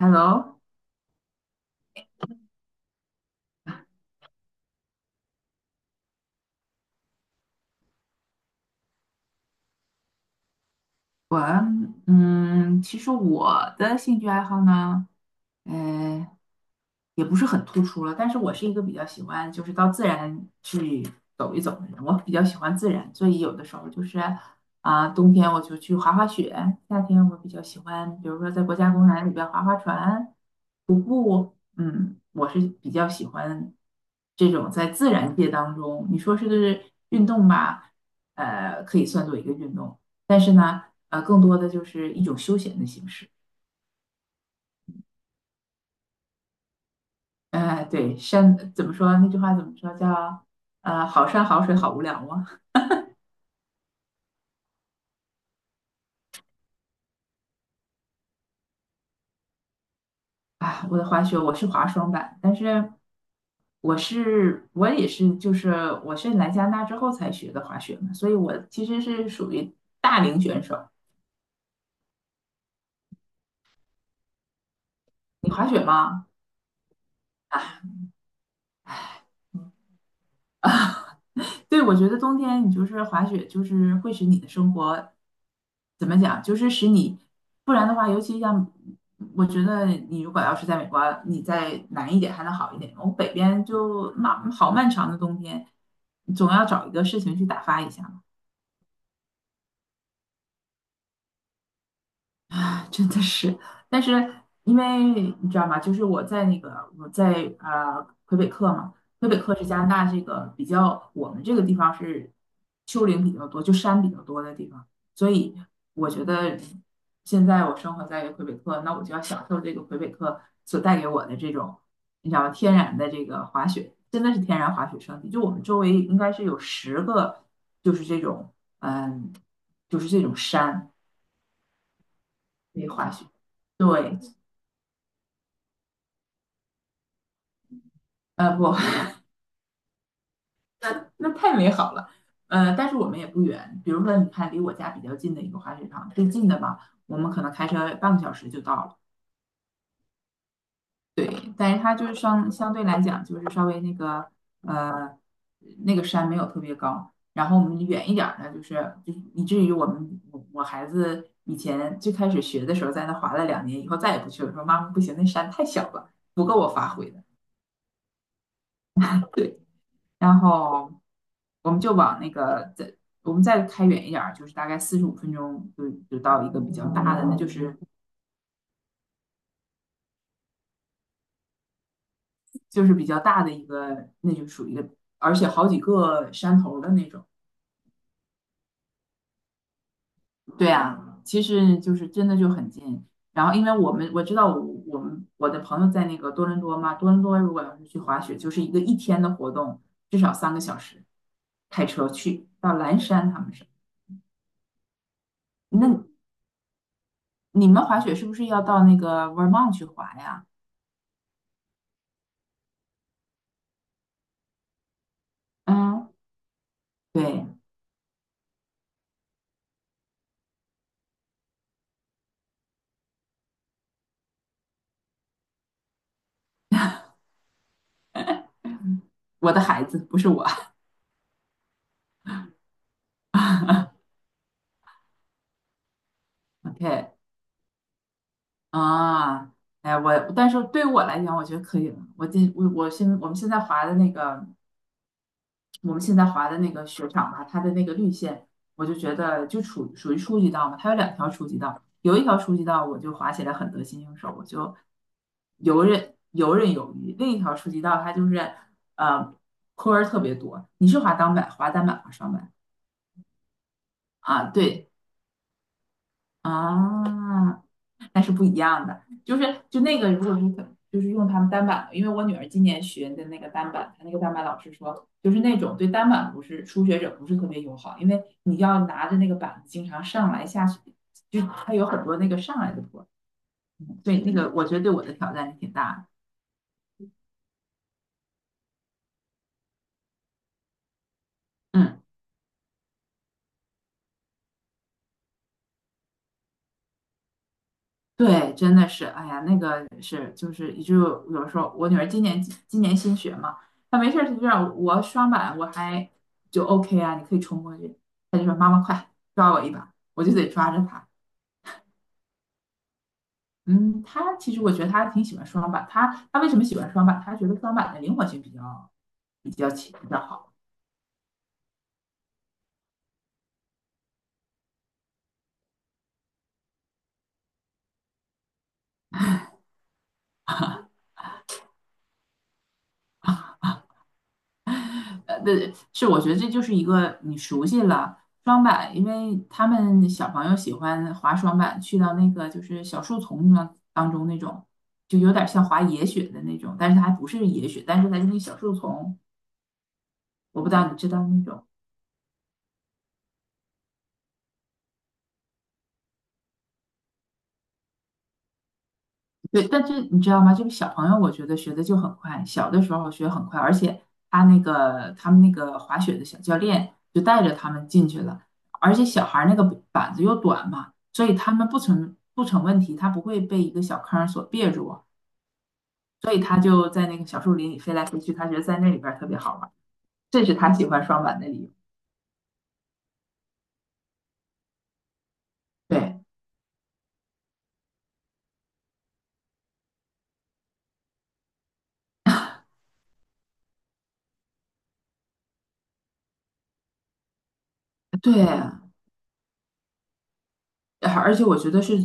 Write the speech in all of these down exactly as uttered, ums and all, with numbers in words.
Hello，我嗯，其实我的兴趣爱好呢，呃，也不是很突出了，但是我是一个比较喜欢就是到自然去走一走的人。我比较喜欢自然，所以有的时候就是啊、冬天我就去滑滑雪，夏天我比较喜欢，比如说在国家公园里边划划船、徒步。嗯，我是比较喜欢这种在自然界当中，你说是运动吧，呃，可以算作一个运动。但是呢，呃，更多的就是一种休闲的形式。呃，对，山怎么说？那句话怎么说？叫呃，好山好水好无聊吗？啊，我的滑雪我是滑双板，但是我是我也是就是我是来加拿大之后才学的滑雪嘛，所以我其实是属于大龄选手。你滑雪吗？啊，对，我觉得冬天你就是滑雪，就是会使你的生活怎么讲，就是使你。不然的话，尤其像我觉得你如果要是在美国，你在南一点还能好一点，我北边就那好漫长的冬天，总要找一个事情去打发一下。真的是，但是因为你知道吗？就是我在那个我在呃魁北克嘛。魁北克是加拿大这个比较，我们这个地方是丘陵比较多，就山比较多的地方。所以我觉得现在我生活在魁北克，那我就要享受这个魁北克所带给我的这种，你知道吗？天然的这个滑雪，真的是天然滑雪胜地。就我们周围应该是有十个，就是这种嗯，就是这种山可以滑雪。对，呃，不，那那太美好了。呃，但是我们也不远，比如说你看离我家比较近的一个滑雪场，最近的吧，我们可能开车半个小时就到了。对，但是它就是相相对来讲，就是稍微那个呃那个山没有特别高。然后我们远一点儿呢，就是就是以至于我们我我孩子以前最开始学的时候，在那滑了两年，以后再也不去了，说妈妈不行，那山太小了，不够我发挥的。对。然后我们就往那个再我们再开远一点儿，就是大概四十五分钟就就到一个比较大的，那就是就是比较大的一个，那就属于一个，而且好几个山头儿的那种。对啊，其实就是真的就很近。然后因为我们我知道我我们我的朋友在那个多伦多嘛。多伦多如果要是去滑雪，就是一个一天的活动，至少三个小时，开车去到蓝山他们是。那你们滑雪是不是要到那个 Vermont 去滑呀？嗯，对，我的孩子不是我。OK，啊，哎呀我，但是对于我来讲，我觉得可以了。我今我我现我们现在划的那个，我们现在划的那个雪场吧，它的那个绿线，我就觉得就处属于初级道嘛。它有两条初级道，有一条初级道我就滑起来很得心应手，我就游刃游刃有余。另一条初级道它就是呃坡儿特别多。你是滑单板、滑单板、滑双板啊？对。啊，那是不一样的。就是就那个，如果是可就是用他们单板的，因为我女儿今年学的那个单板，她那个单板老师说，就是那种对单板不是初学者不是特别友好，因为你要拿着那个板子经常上来下去，就它有很多那个上来的坡。嗯，对，那个我觉得对我的挑战是挺大的。嗯。对，真的是，哎呀，那个是，就是就有时候我女儿今年今年新学嘛，她没事儿她就让我刷碗，我还就 OK 啊，你可以冲过去，她就说妈妈快抓我一把，我就得抓着她。嗯，她其实我觉得她挺喜欢双板。她她为什么喜欢双板？她觉得双板的灵活性比较比较强，比较好。呃，对，是我觉得这就是一个你熟悉了双板。因为他们小朋友喜欢滑双板，去到那个就是小树丛当当中那种，就有点像滑野雪的那种，但是它还不是野雪，但是它就是小树丛。我不知道你知道那种。对，但是你知道吗？这个小朋友，我觉得学的就很快，小的时候学很快。而且他那个他们那个滑雪的小教练就带着他们进去了，而且小孩儿那个板子又短嘛，所以他们不成不成问题。他不会被一个小坑儿所别住，所以他就在那个小树林里飞来飞去，他觉得在那里边儿特别好玩儿。这是他喜欢双板的理由。对对，呃而且我觉得是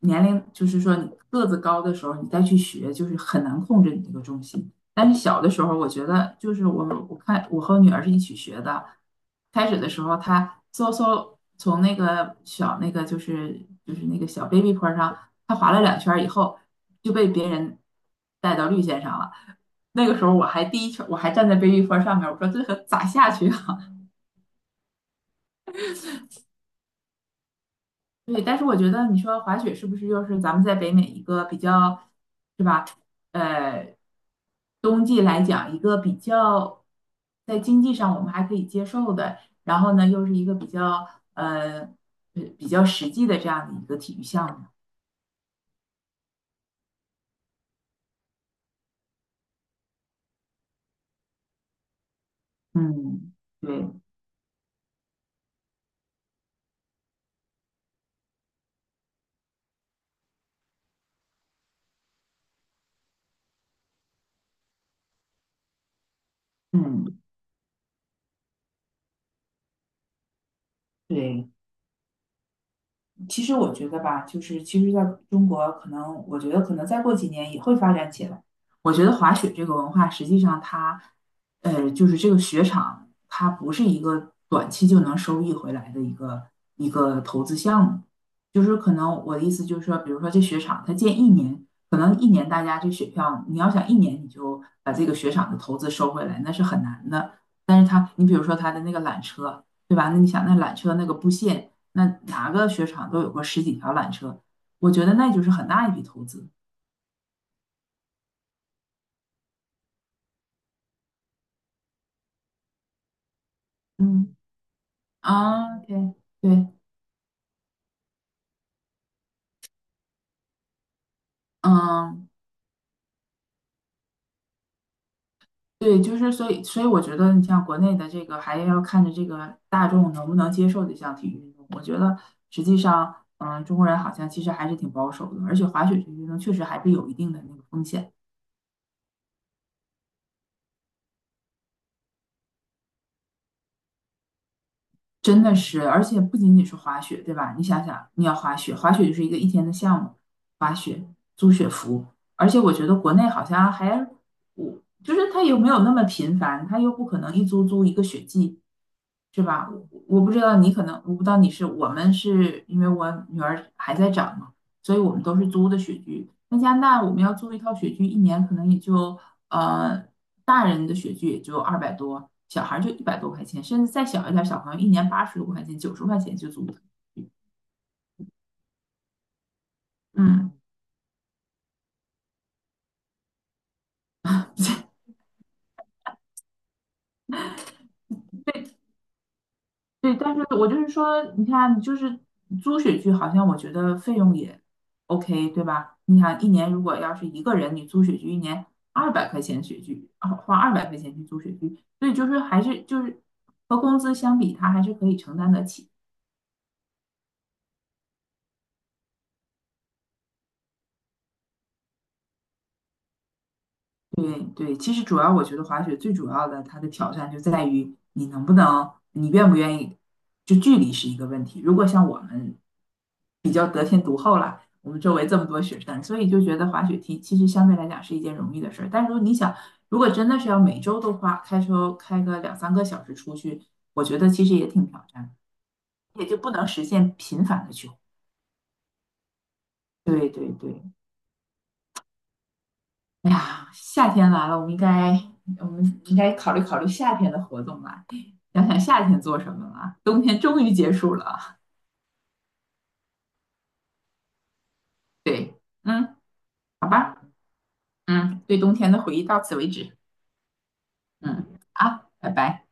年龄，就是说你个子高的时候，你再去学，就是很难控制你这个重心。但是小的时候，我觉得就是我我看我和我女儿是一起学的。开始的时候她嗖嗖从那个小那个就是就是那个小 baby 坡上，她滑了两圈儿以后就被别人带到绿线上了。那个时候我还第一圈，我还站在 baby 坡上面，我说这可咋下去啊？对，但是我觉得你说滑雪是不是又是咱们在北美一个比较，是吧？呃，冬季来讲一个比较在经济上我们还可以接受的，然后呢又是一个比较呃呃比较实际的这样的一个体育项目。嗯，对，嗯。对，其实我觉得吧，就是其实在中国，可能我觉得可能再过几年也会发展起来。我觉得滑雪这个文化，实际上它，呃，就是这个雪场，它不是一个短期就能收益回来的一个一个投资项目。就是可能我的意思就是说，比如说这雪场，它建一年，可能一年大家这雪票，你要想一年你就把这个雪场的投资收回来，那是很难的。但是它，你比如说它的那个缆车，对吧？那你想那缆车那个布线。那哪个雪场都有过十几条缆车，我觉得那就是很大一笔投资。嗯，啊，对对，嗯，对，就是所以，所以我觉得你像国内的这个，还要看着这个大众能不能接受这项体育运动。我觉得实际上，嗯，中国人好像其实还是挺保守的，而且滑雪这个运动确实还是有一定的那个风险。真的是，而且不仅仅是滑雪，对吧？你想想，你要滑雪，滑雪就是一个一天的项目，滑雪、租雪服。而且我觉得国内好像还，我就是它又没有那么频繁，它又不可能一租租一个雪季，是吧？我我不知道你可能，我不知道你是，我们是因为我女儿还在长嘛，所以我们都是租的雪具。那加拿大我们要租一套雪具，一年可能也就。呃，大人的雪具也就二百多，小孩儿就一百多块钱，甚至再小一点儿，小朋友一年八十多块钱、九十块钱就租的。嗯，对，但是我就是说，你看，就是租雪具，好像我觉得费用也 OK，对吧？你想一年如果要是一个人，你租雪具一年二百块钱雪具，啊花二百块钱去租雪具，所以就是还是就是和工资相比，他还是可以承担得起。对对，其实主要我觉得滑雪最主要的它的挑战就在于你能不能，你愿不愿意，就距离是一个问题。如果像我们我们周围这么多雪山，所以就觉得滑雪题其实相对来讲是一件容易的事儿。但如果你想，如果真的是要每周都花开车开个两三个小时出去，我觉得其实也挺挑战，也就不能实现频繁的去滑。对对对，哎呀，夏天来了，我们应该我们应该考虑考虑夏天的活动啦，想想夏天做什么啦。冬天终于结束了。对，嗯，好吧，嗯，对冬天的回忆到此为止。嗯，啊，拜拜。